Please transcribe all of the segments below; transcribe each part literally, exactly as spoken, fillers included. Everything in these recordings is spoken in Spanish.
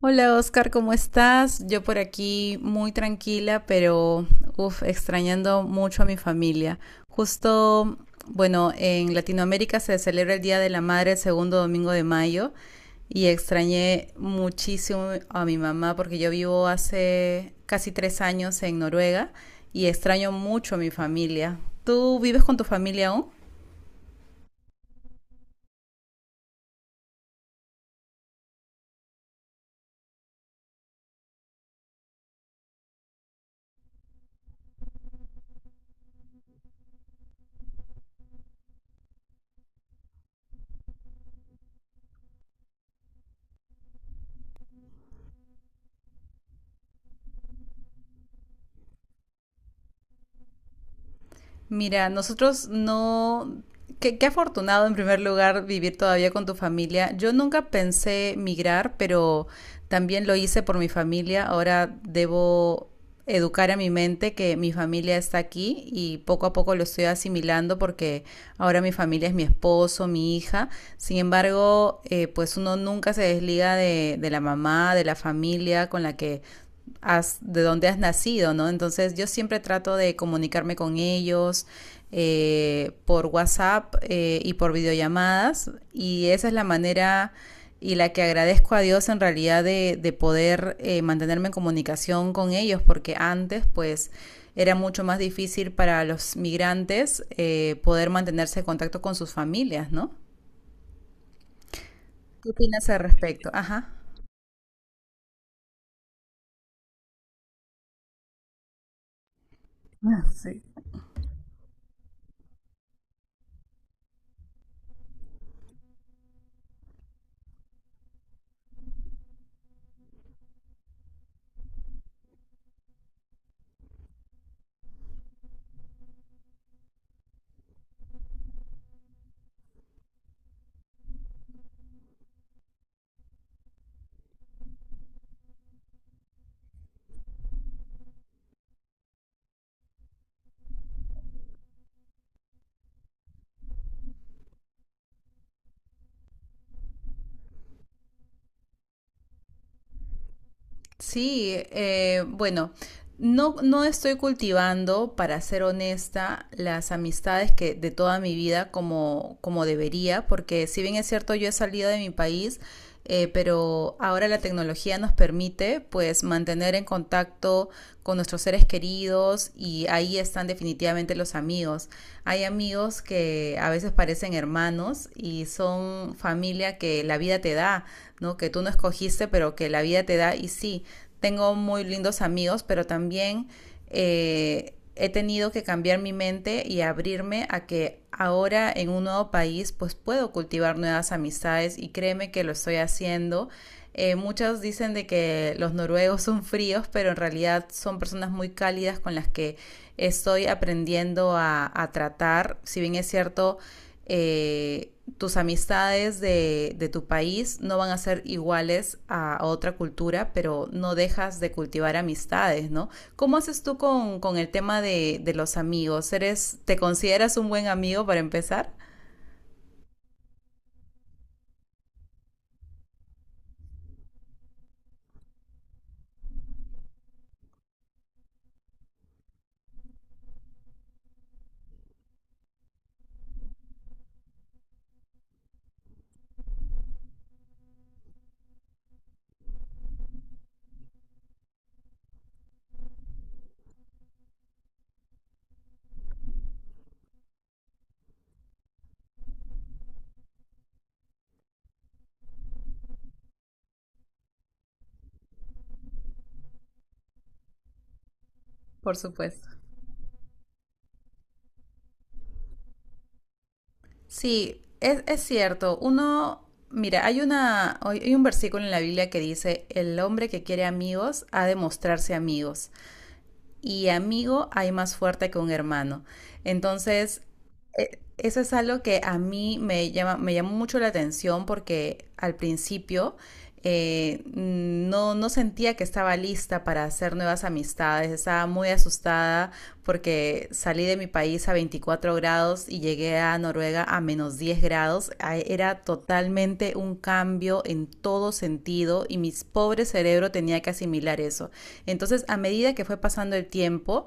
Hola Oscar, ¿cómo estás? Yo por aquí muy tranquila, pero uf, extrañando mucho a mi familia. Justo, bueno, en Latinoamérica se celebra el Día de la Madre el segundo domingo de mayo y extrañé muchísimo a mi mamá porque yo vivo hace casi tres años en Noruega y extraño mucho a mi familia. ¿Tú vives con tu familia aún? Mira, nosotros no... Qué, qué afortunado en primer lugar vivir todavía con tu familia. Yo nunca pensé migrar, pero también lo hice por mi familia. Ahora debo educar a mi mente que mi familia está aquí y poco a poco lo estoy asimilando porque ahora mi familia es mi esposo, mi hija. Sin embargo, eh, pues uno nunca se desliga de, de la mamá, de la familia con la que has, de dónde has nacido, ¿no? Entonces yo siempre trato de comunicarme con ellos eh, por WhatsApp, eh, y por videollamadas, y esa es la manera y la que agradezco a Dios en realidad de, de poder, eh, mantenerme en comunicación con ellos, porque antes pues era mucho más difícil para los migrantes, eh, poder mantenerse en contacto con sus familias, ¿no? ¿Qué opinas al respecto? Ajá. Ah, sí. Sí, eh, bueno, no, no estoy cultivando, para ser honesta, las amistades que de toda mi vida como, como debería, porque si bien es cierto, yo he salido de mi país, eh, pero ahora la tecnología nos permite pues mantener en contacto con nuestros seres queridos, y ahí están definitivamente los amigos. Hay amigos que a veces parecen hermanos y son familia que la vida te da, ¿no? Que tú no escogiste, pero que la vida te da, y sí, tengo muy lindos amigos, pero también, eh, he tenido que cambiar mi mente y abrirme a que ahora en un nuevo país pues puedo cultivar nuevas amistades, y créeme que lo estoy haciendo. Eh, muchos dicen de que los noruegos son fríos, pero en realidad son personas muy cálidas con las que estoy aprendiendo a, a tratar. Si bien es cierto, eh, tus amistades de, de, tu país no van a ser iguales a, a, otra cultura, pero no dejas de cultivar amistades, ¿no? ¿Cómo haces tú con, con el tema de, de, los amigos? ¿Eres, ¿Te consideras un buen amigo para empezar? Por supuesto. Sí, es, es cierto. Uno, mira, hay una, hay hay un versículo en la Biblia que dice, el hombre que quiere amigos ha de mostrarse amigos, y amigo hay más fuerte que un hermano. Entonces, eh, eso es algo que a mí me llama, me llamó mucho la atención, porque al principio, eh, no, no sentía que estaba lista para hacer nuevas amistades, estaba muy asustada porque salí de mi país a veinticuatro grados y llegué a Noruega a menos diez grados. A- Era totalmente un cambio en todo sentido, y mi pobre cerebro tenía que asimilar eso. Entonces, a medida que fue pasando el tiempo,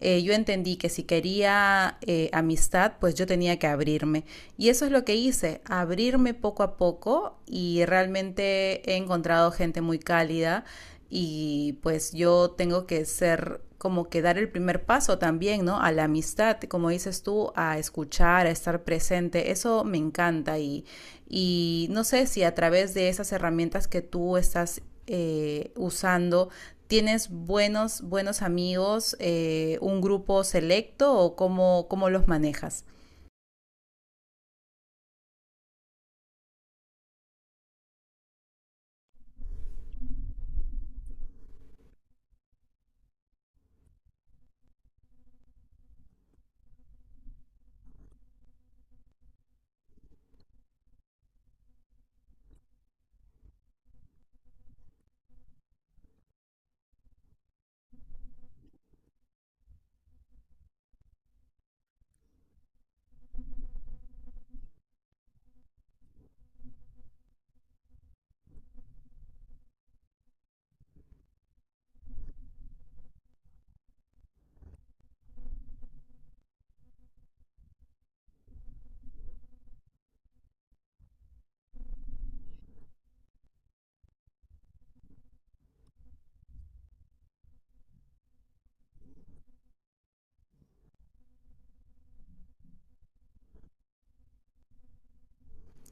eh, yo entendí que si quería, eh, amistad, pues yo tenía que abrirme. Y eso es lo que hice, abrirme poco a poco, y realmente he encontrado gente muy cálida y pues yo tengo que ser como que dar el primer paso también, ¿no? A la amistad, como dices tú, a escuchar, a estar presente, eso me encanta, y, y no sé si a través de esas herramientas que tú estás, eh, usando. ¿Tienes buenos, buenos amigos, eh, un grupo selecto, o cómo, cómo los manejas?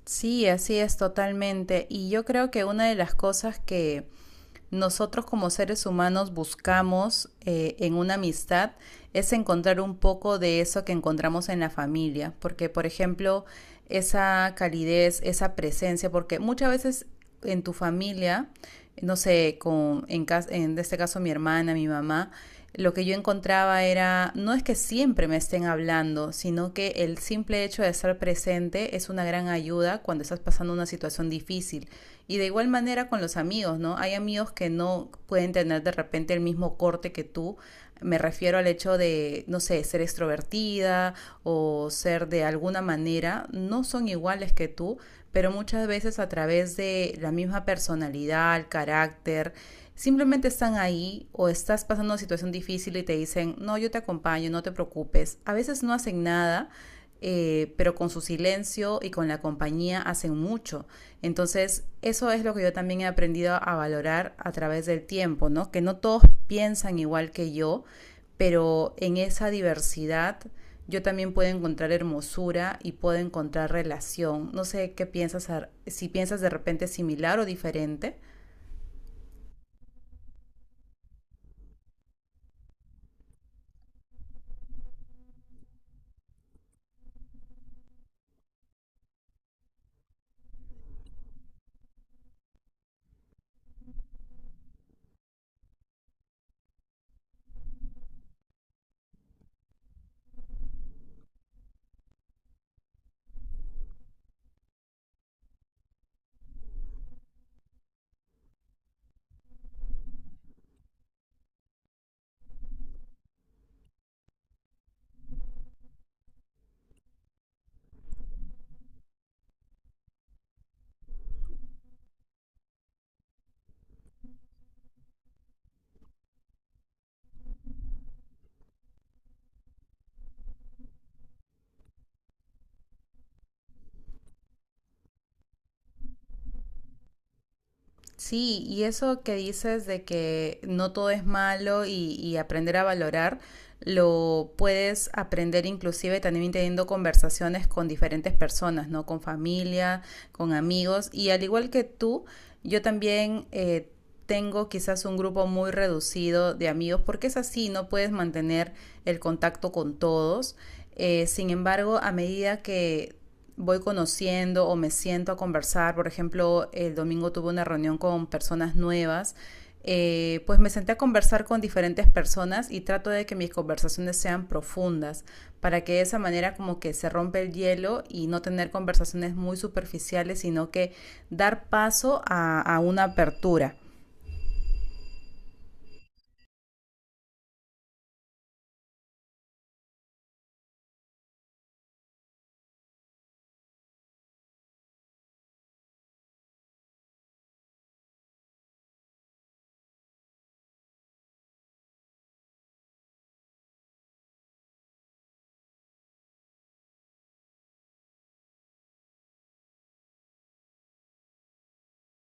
Sí, así es totalmente. Y yo creo que una de las cosas que nosotros como seres humanos buscamos, eh, en una amistad es encontrar un poco de eso que encontramos en la familia. Porque, por ejemplo, esa calidez, esa presencia, porque muchas veces en tu familia, no sé, con, en, en este caso mi hermana, mi mamá, lo que yo encontraba era, no es que siempre me estén hablando, sino que el simple hecho de estar presente es una gran ayuda cuando estás pasando una situación difícil. Y de igual manera con los amigos, ¿no? Hay amigos que no pueden tener de repente el mismo corte que tú. Me refiero al hecho de, no sé, ser extrovertida o ser de alguna manera, no son iguales que tú, pero muchas veces a través de la misma personalidad, el carácter, simplemente están ahí, o estás pasando una situación difícil y te dicen, no, yo te acompaño, no te preocupes. A veces no hacen nada, eh, pero con su silencio y con la compañía hacen mucho. Entonces, eso es lo que yo también he aprendido a valorar a través del tiempo, ¿no? Que no todos piensan igual que yo, pero en esa diversidad yo también puedo encontrar hermosura y puedo encontrar relación. No sé qué piensas, si piensas de repente similar o diferente. Sí, y eso que dices de que no todo es malo, y, y aprender a valorar, lo puedes aprender inclusive también teniendo conversaciones con diferentes personas, ¿no? Con familia, con amigos. Y al igual que tú, yo también, eh, tengo quizás un grupo muy reducido de amigos, porque es así, no puedes mantener el contacto con todos. Eh, sin embargo, a medida que voy conociendo o me siento a conversar, por ejemplo, el domingo tuve una reunión con personas nuevas, eh, pues me senté a conversar con diferentes personas, y trato de que mis conversaciones sean profundas para que de esa manera como que se rompe el hielo y no tener conversaciones muy superficiales, sino que dar paso a, a una apertura.